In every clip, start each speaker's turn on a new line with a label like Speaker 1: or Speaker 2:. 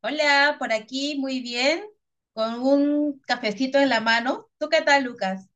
Speaker 1: Hola, por aquí muy bien, con un cafecito en la mano. ¿Tú qué tal, Lucas?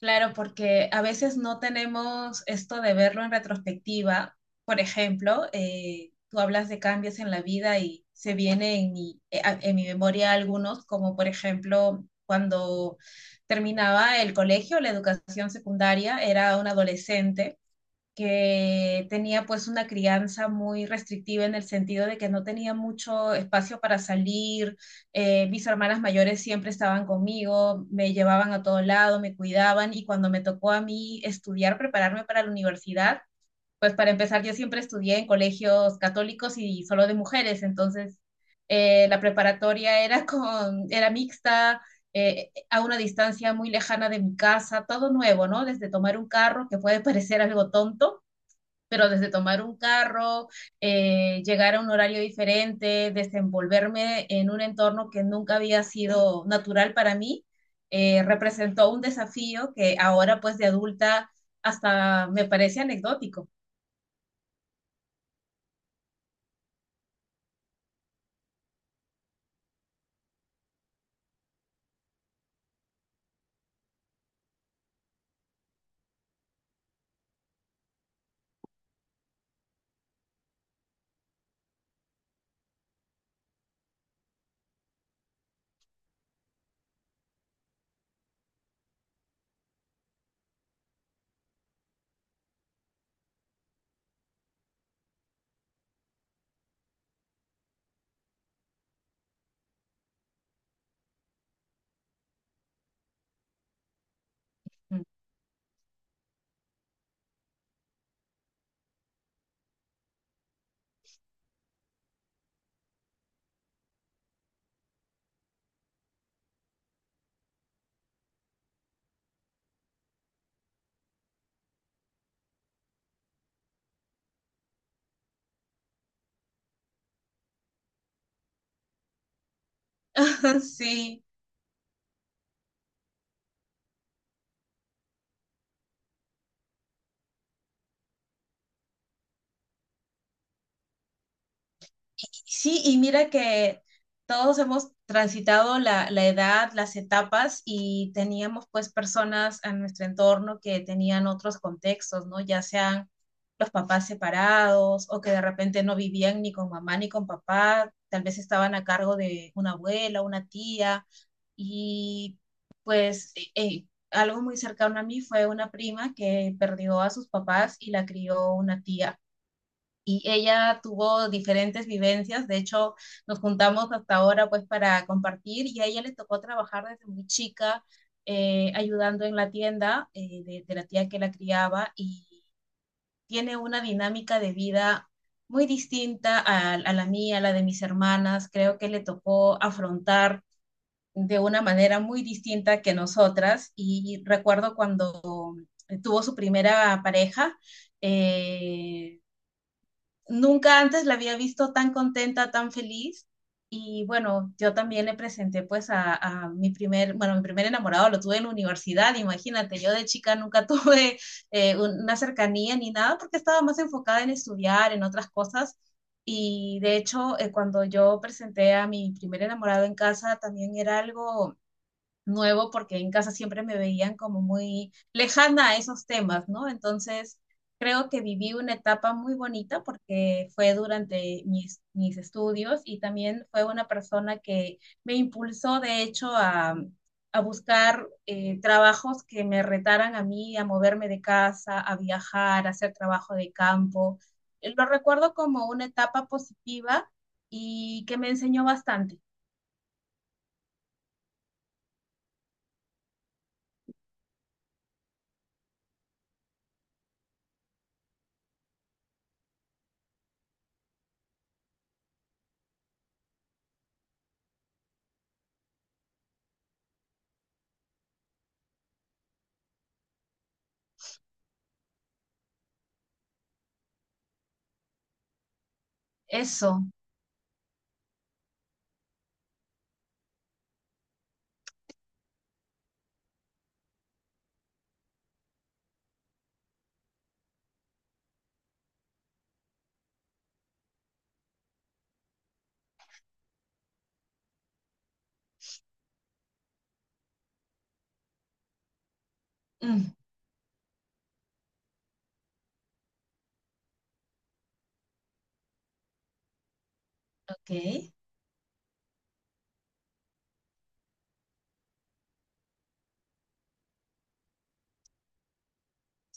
Speaker 1: Claro, porque a veces no tenemos esto de verlo en retrospectiva. Por ejemplo, tú hablas de cambios en la vida y se viene en mi, en mi memoria algunos, como por ejemplo cuando terminaba el colegio, la educación secundaria, era un adolescente que tenía pues una crianza muy restrictiva en el sentido de que no tenía mucho espacio para salir, mis hermanas mayores siempre estaban conmigo, me llevaban a todo lado, me cuidaban y cuando me tocó a mí estudiar, prepararme para la universidad, pues para empezar yo siempre estudié en colegios católicos y solo de mujeres, entonces la preparatoria era, era mixta, a una distancia muy lejana de mi casa, todo nuevo, ¿no? Desde tomar un carro, que puede parecer algo tonto, pero desde tomar un carro, llegar a un horario diferente, desenvolverme en un entorno que nunca había sido natural para mí, representó un desafío que ahora pues de adulta hasta me parece anecdótico. Sí. Sí, y mira que todos hemos transitado la edad, las etapas y teníamos pues personas en nuestro entorno que tenían otros contextos, ¿no? Ya sean los papás separados o que de repente no vivían ni con mamá ni con papá, tal vez estaban a cargo de una abuela, una tía y pues algo muy cercano a mí fue una prima que perdió a sus papás y la crió una tía y ella tuvo diferentes vivencias, de hecho nos juntamos hasta ahora pues para compartir y a ella le tocó trabajar desde muy chica ayudando en la tienda de la tía que la criaba y tiene una dinámica de vida muy distinta a la mía, a la de mis hermanas. Creo que le tocó afrontar de una manera muy distinta que nosotras. Y recuerdo cuando tuvo su primera pareja, eh, nunca antes la había visto tan contenta, tan feliz. Y bueno, yo también le presenté pues a mi primer, bueno, mi primer enamorado lo tuve en la universidad, imagínate, yo de chica nunca tuve una cercanía ni nada porque estaba más enfocada en estudiar, en otras cosas. Y de hecho, cuando yo presenté a mi primer enamorado en casa, también era algo nuevo porque en casa siempre me veían como muy lejana a esos temas, ¿no? Entonces, creo que viví una etapa muy bonita porque fue durante mis estudios y también fue una persona que me impulsó, de hecho, a buscar trabajos que me retaran a mí, a moverme de casa, a viajar, a hacer trabajo de campo. Lo recuerdo como una etapa positiva y que me enseñó bastante. Eso. Mm, ok.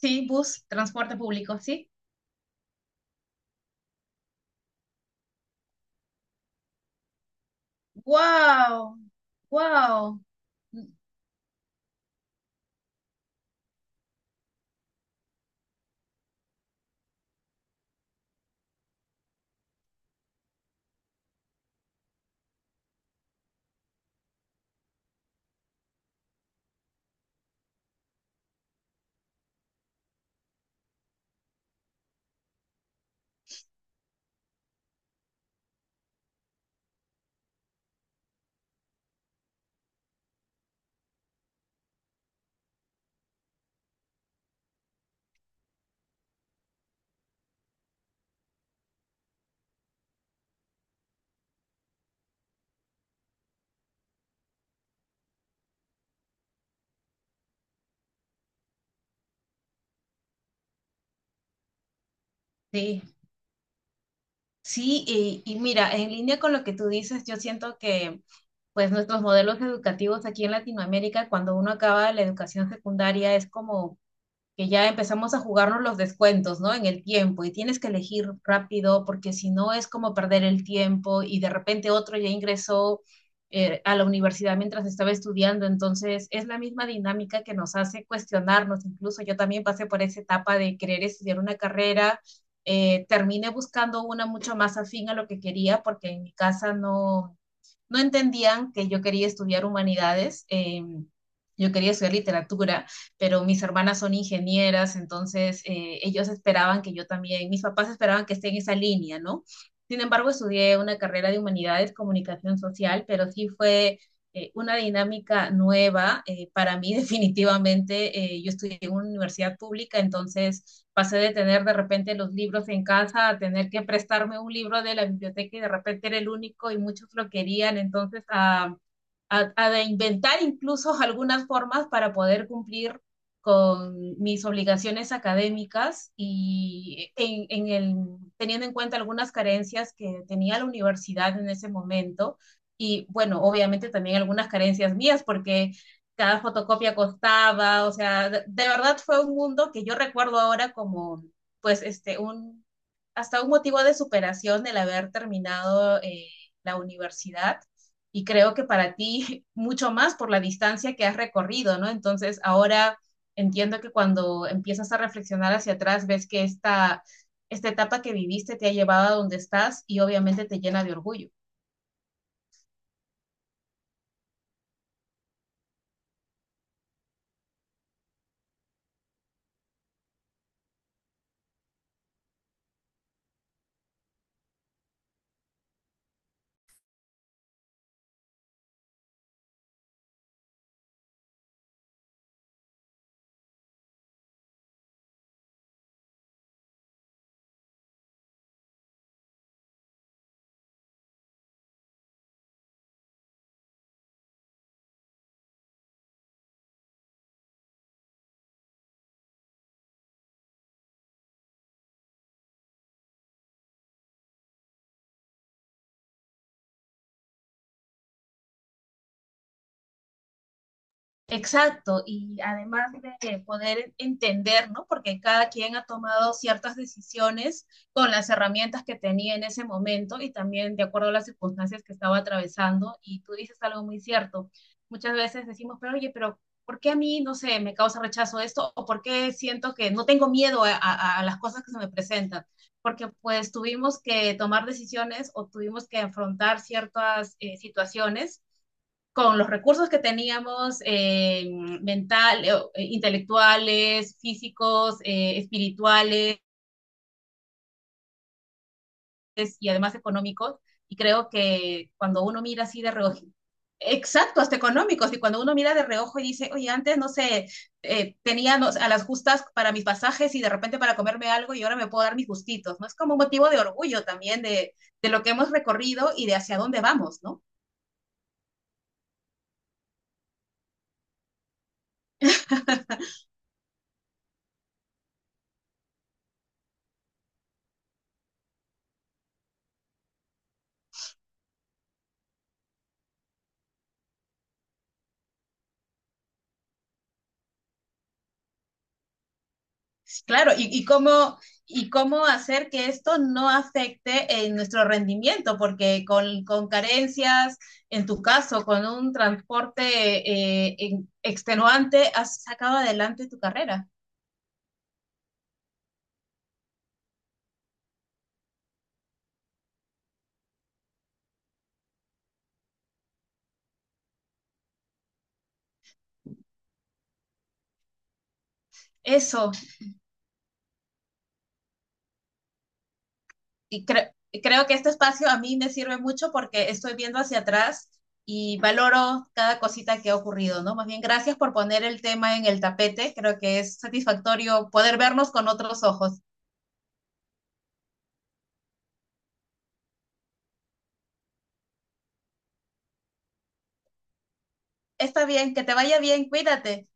Speaker 1: Sí, bus, transporte público, sí. ¡Wow! ¡Wow! Sí, sí, y mira, en línea con lo que tú dices, yo siento que pues nuestros modelos educativos aquí en Latinoamérica, cuando uno acaba la educación secundaria, es como que ya empezamos a jugarnos los descuentos, ¿no? En el tiempo y tienes que elegir rápido porque si no es como perder el tiempo y de repente otro ya ingresó a la universidad mientras estaba estudiando, entonces es la misma dinámica que nos hace cuestionarnos, incluso yo también pasé por esa etapa de querer estudiar una carrera, terminé buscando una mucho más afín a lo que quería porque en mi casa no entendían que yo quería estudiar humanidades. Yo quería estudiar literatura, pero mis hermanas son ingenieras, entonces ellos esperaban que yo también, mis papás esperaban que esté en esa línea, ¿no? Sin embargo, estudié una carrera de humanidades, comunicación social, pero sí fue una dinámica nueva. Para mí, definitivamente, yo estudié en una universidad pública, entonces pasé de tener de repente los libros en casa a tener que prestarme un libro de la biblioteca y de repente era el único y muchos lo querían, entonces a de inventar incluso algunas formas para poder cumplir con mis obligaciones académicas y en el, teniendo en cuenta algunas carencias que tenía la universidad en ese momento y bueno, obviamente también algunas carencias mías porque cada fotocopia costaba, o sea, de verdad fue un mundo que yo recuerdo ahora como pues este un hasta un motivo de superación el haber terminado la universidad y creo que para ti mucho más por la distancia que has recorrido, ¿no? Entonces ahora entiendo que cuando empiezas a reflexionar hacia atrás ves que esta etapa que viviste te ha llevado a donde estás y obviamente te llena de orgullo. Exacto, y además de poder entender, ¿no? Porque cada quien ha tomado ciertas decisiones con las herramientas que tenía en ese momento y también de acuerdo a las circunstancias que estaba atravesando. Y tú dices algo muy cierto. Muchas veces decimos, pero oye, pero ¿por qué a mí, no sé, me causa rechazo esto? ¿O por qué siento que no tengo miedo a las cosas que se me presentan? Porque pues tuvimos que tomar decisiones o tuvimos que afrontar ciertas situaciones con los recursos que teníamos mental, intelectuales, físicos, espirituales y además económicos. Y creo que cuando uno mira así de reojo, exacto, hasta económicos, y cuando uno mira de reojo y dice, oye, antes no sé, tenía no, a las justas para mis pasajes y de repente para comerme algo y ahora me puedo dar mis gustitos, ¿no? Es como un motivo de orgullo también de lo que hemos recorrido y de hacia dónde vamos, ¿no? Sí, claro, y cómo hacer que esto no afecte en nuestro rendimiento, porque con carencias, en tu caso, con un transporte extenuante, has sacado adelante tu carrera. Eso, y creo que este espacio a mí me sirve mucho porque estoy viendo hacia atrás y valoro cada cosita que ha ocurrido, ¿no? Más bien, gracias por poner el tema en el tapete, creo que es satisfactorio poder vernos con otros ojos. Está bien, que te vaya bien, cuídate.